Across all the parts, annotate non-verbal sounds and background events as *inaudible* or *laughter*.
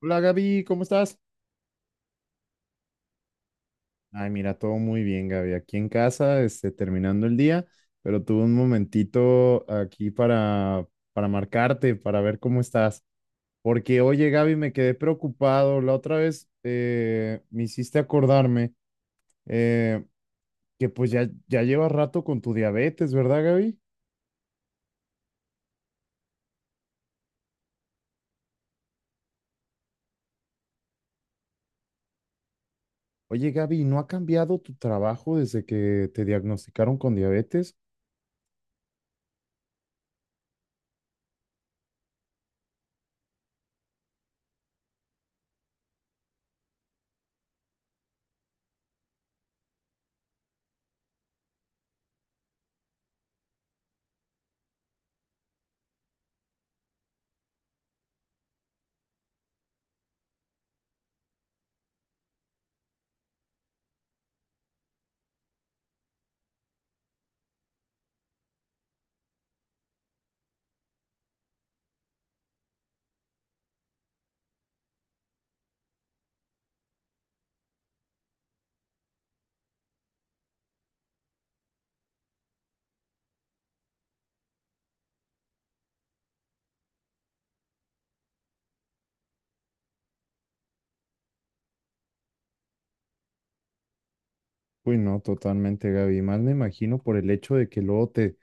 Hola Gaby, ¿cómo estás? Ay, mira, todo muy bien, Gaby. Aquí en casa, terminando el día, pero tuve un momentito aquí para marcarte, para ver cómo estás. Porque, oye, Gaby, me quedé preocupado. La otra vez me hiciste acordarme eh, que pues ya llevas rato con tu diabetes, ¿verdad, Gaby? Oye, Gaby, ¿no ha cambiado tu trabajo desde que te diagnosticaron con diabetes? Uy, no, totalmente, Gaby. Más me imagino por el hecho de que luego te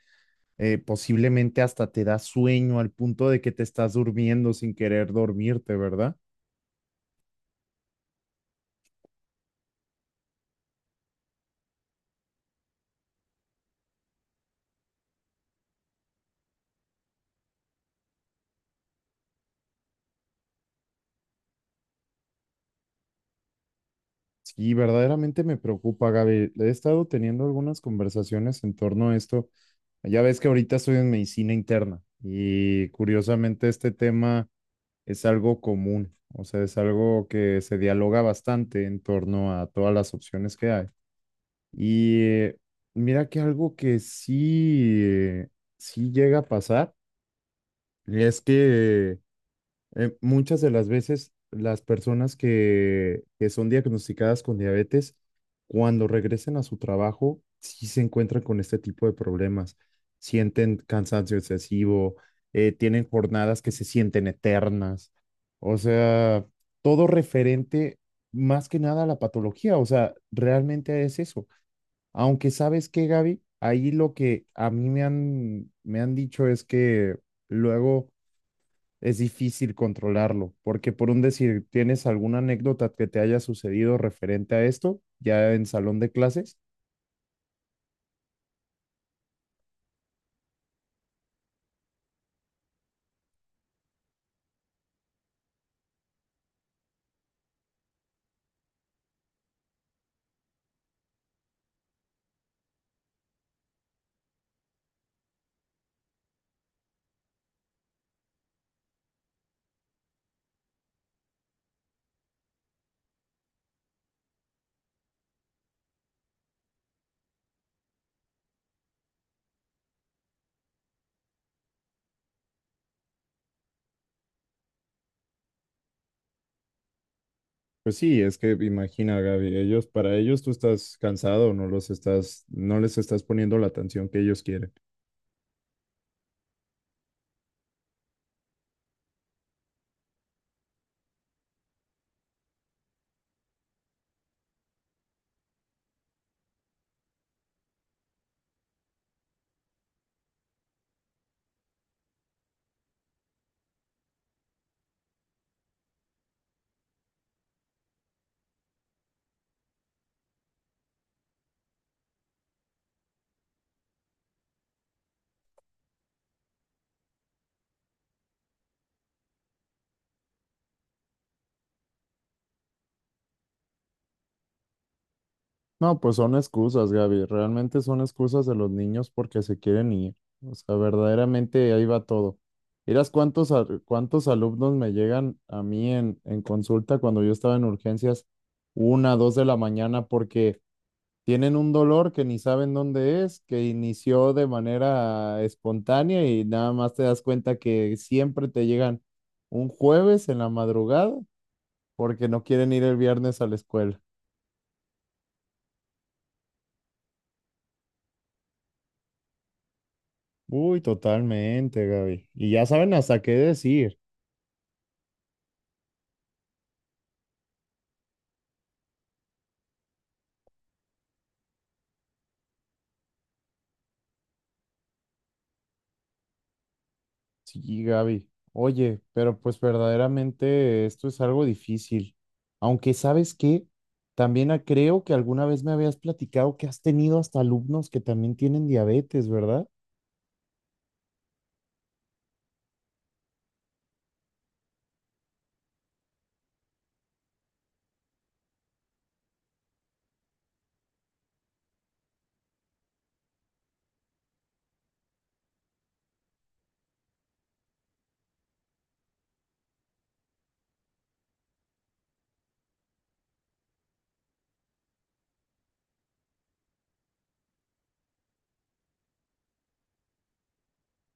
posiblemente hasta te da sueño al punto de que te estás durmiendo sin querer dormirte, ¿verdad? Sí, verdaderamente me preocupa, Gaby. He estado teniendo algunas conversaciones en torno a esto. Ya ves que ahorita estoy en medicina interna y curiosamente este tema es algo común, o sea, es algo que se dialoga bastante en torno a todas las opciones que hay. Y mira que algo que sí, sí llega a pasar es que muchas de las veces las personas que son diagnosticadas con diabetes, cuando regresen a su trabajo, sí se encuentran con este tipo de problemas. Sienten cansancio excesivo, tienen jornadas que se sienten eternas. O sea, todo referente más que nada a la patología. O sea, realmente es eso. Aunque sabes que, Gaby, ahí lo que a mí me han dicho es que luego es difícil controlarlo, porque por un decir, ¿tienes alguna anécdota que te haya sucedido referente a esto ya en salón de clases? Pues sí, es que imagina, Gaby, ellos, para ellos tú estás cansado, no les estás poniendo la atención que ellos quieren. No, pues son excusas, Gaby, realmente son excusas de los niños porque se quieren ir. O sea, verdaderamente ahí va todo. Miras cuántos alumnos me llegan a mí en consulta cuando yo estaba en urgencias, una, dos de la mañana, porque tienen un dolor que ni saben dónde es, que inició de manera espontánea y nada más te das cuenta que siempre te llegan un jueves en la madrugada porque no quieren ir el viernes a la escuela. Uy, totalmente, Gaby. Y ya saben hasta qué decir. Sí, Gaby. Oye, pero pues verdaderamente esto es algo difícil. Aunque sabes que también creo que alguna vez me habías platicado que has tenido hasta alumnos que también tienen diabetes, ¿verdad?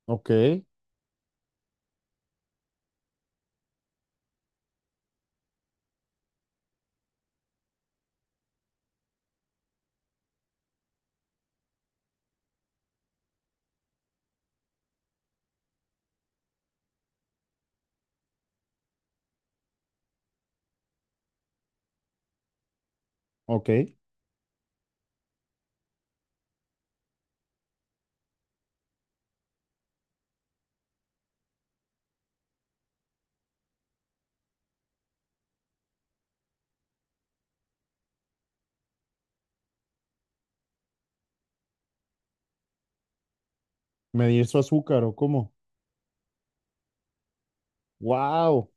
Ok. Ok, ¿medir su azúcar o cómo? ¡Wow!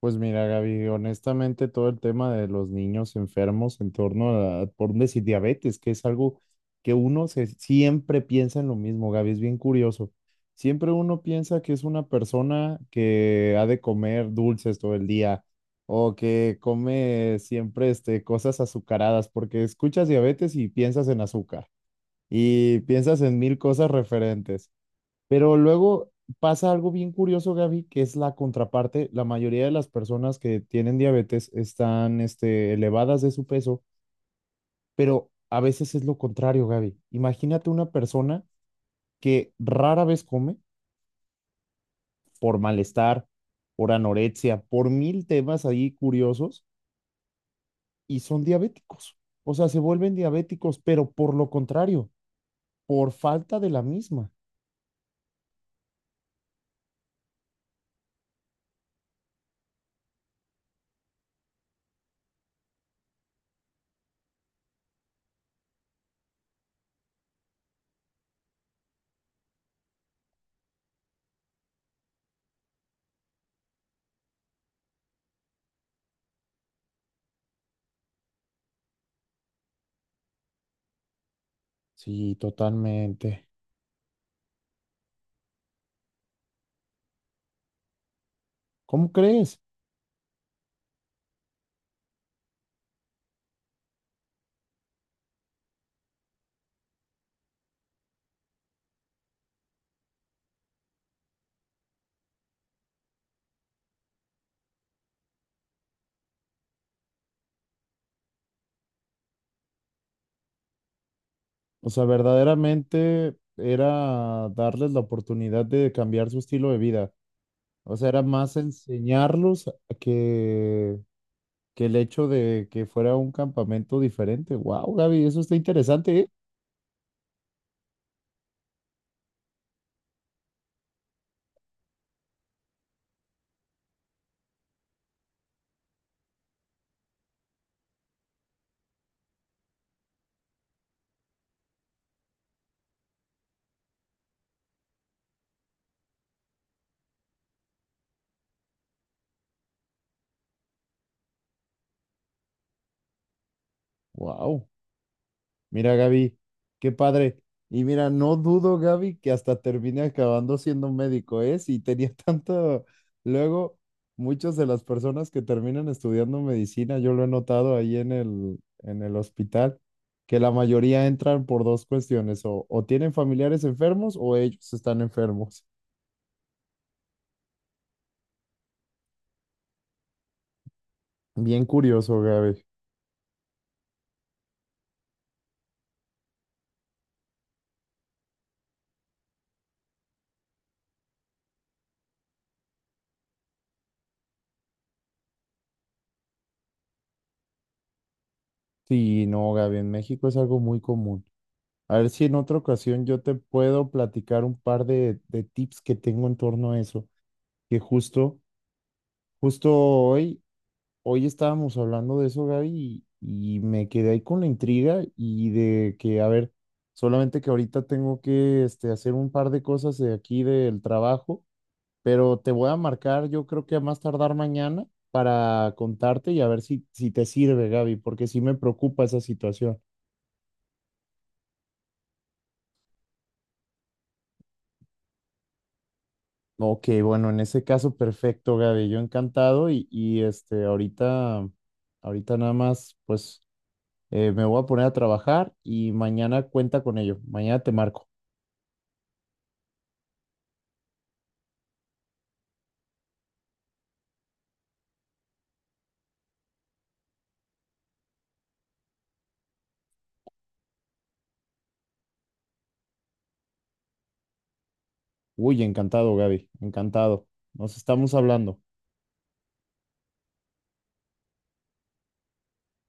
Pues mira, Gaby, honestamente todo el tema de los niños enfermos en torno a, por no decir, diabetes, que es algo que siempre piensa en lo mismo, Gaby, es bien curioso. Siempre uno piensa que es una persona que ha de comer dulces todo el día o que come siempre cosas azucaradas, porque escuchas diabetes y piensas en azúcar y piensas en mil cosas referentes. Pero luego pasa algo bien curioso, Gaby, que es la contraparte. La mayoría de las personas que tienen diabetes están, elevadas de su peso, pero a veces es lo contrario, Gaby. Imagínate una persona que rara vez come por malestar, por anorexia, por mil temas ahí curiosos y son diabéticos. O sea, se vuelven diabéticos, pero por lo contrario, por falta de la misma. Sí, totalmente. ¿Cómo crees? O sea, verdaderamente era darles la oportunidad de cambiar su estilo de vida. O sea, era más enseñarlos que, que el hecho de que fuera un campamento diferente. Wow, Gaby, eso está interesante, ¿eh? Wow. Mira, Gaby, qué padre. Y mira, no dudo, Gaby, que hasta termine acabando siendo médico, ¿eh? Si tenía *laughs* tanto... Luego, muchas de las personas que terminan estudiando medicina, yo lo he notado ahí en el hospital, que la mayoría entran por dos cuestiones, o tienen familiares enfermos o ellos están enfermos. *laughs* Bien curioso, Gaby. Sí, no, Gaby, en México es algo muy común. A ver si en otra ocasión yo te puedo platicar un par de tips que tengo en torno a eso. que justo, Justo hoy, hoy estábamos hablando de eso, Gaby, y me quedé ahí con la intriga y de que, a ver, solamente que ahorita tengo que hacer un par de cosas de aquí del trabajo, pero te voy a marcar, yo creo que a más tardar mañana para contarte y a ver si te sirve, Gaby, porque sí me preocupa esa situación. Ok, bueno, en ese caso, perfecto, Gaby, yo encantado y ahorita nada más, pues... me voy a poner a trabajar y mañana cuenta con ello. Mañana te marco. Uy, encantado, Gaby. Encantado. Nos estamos hablando.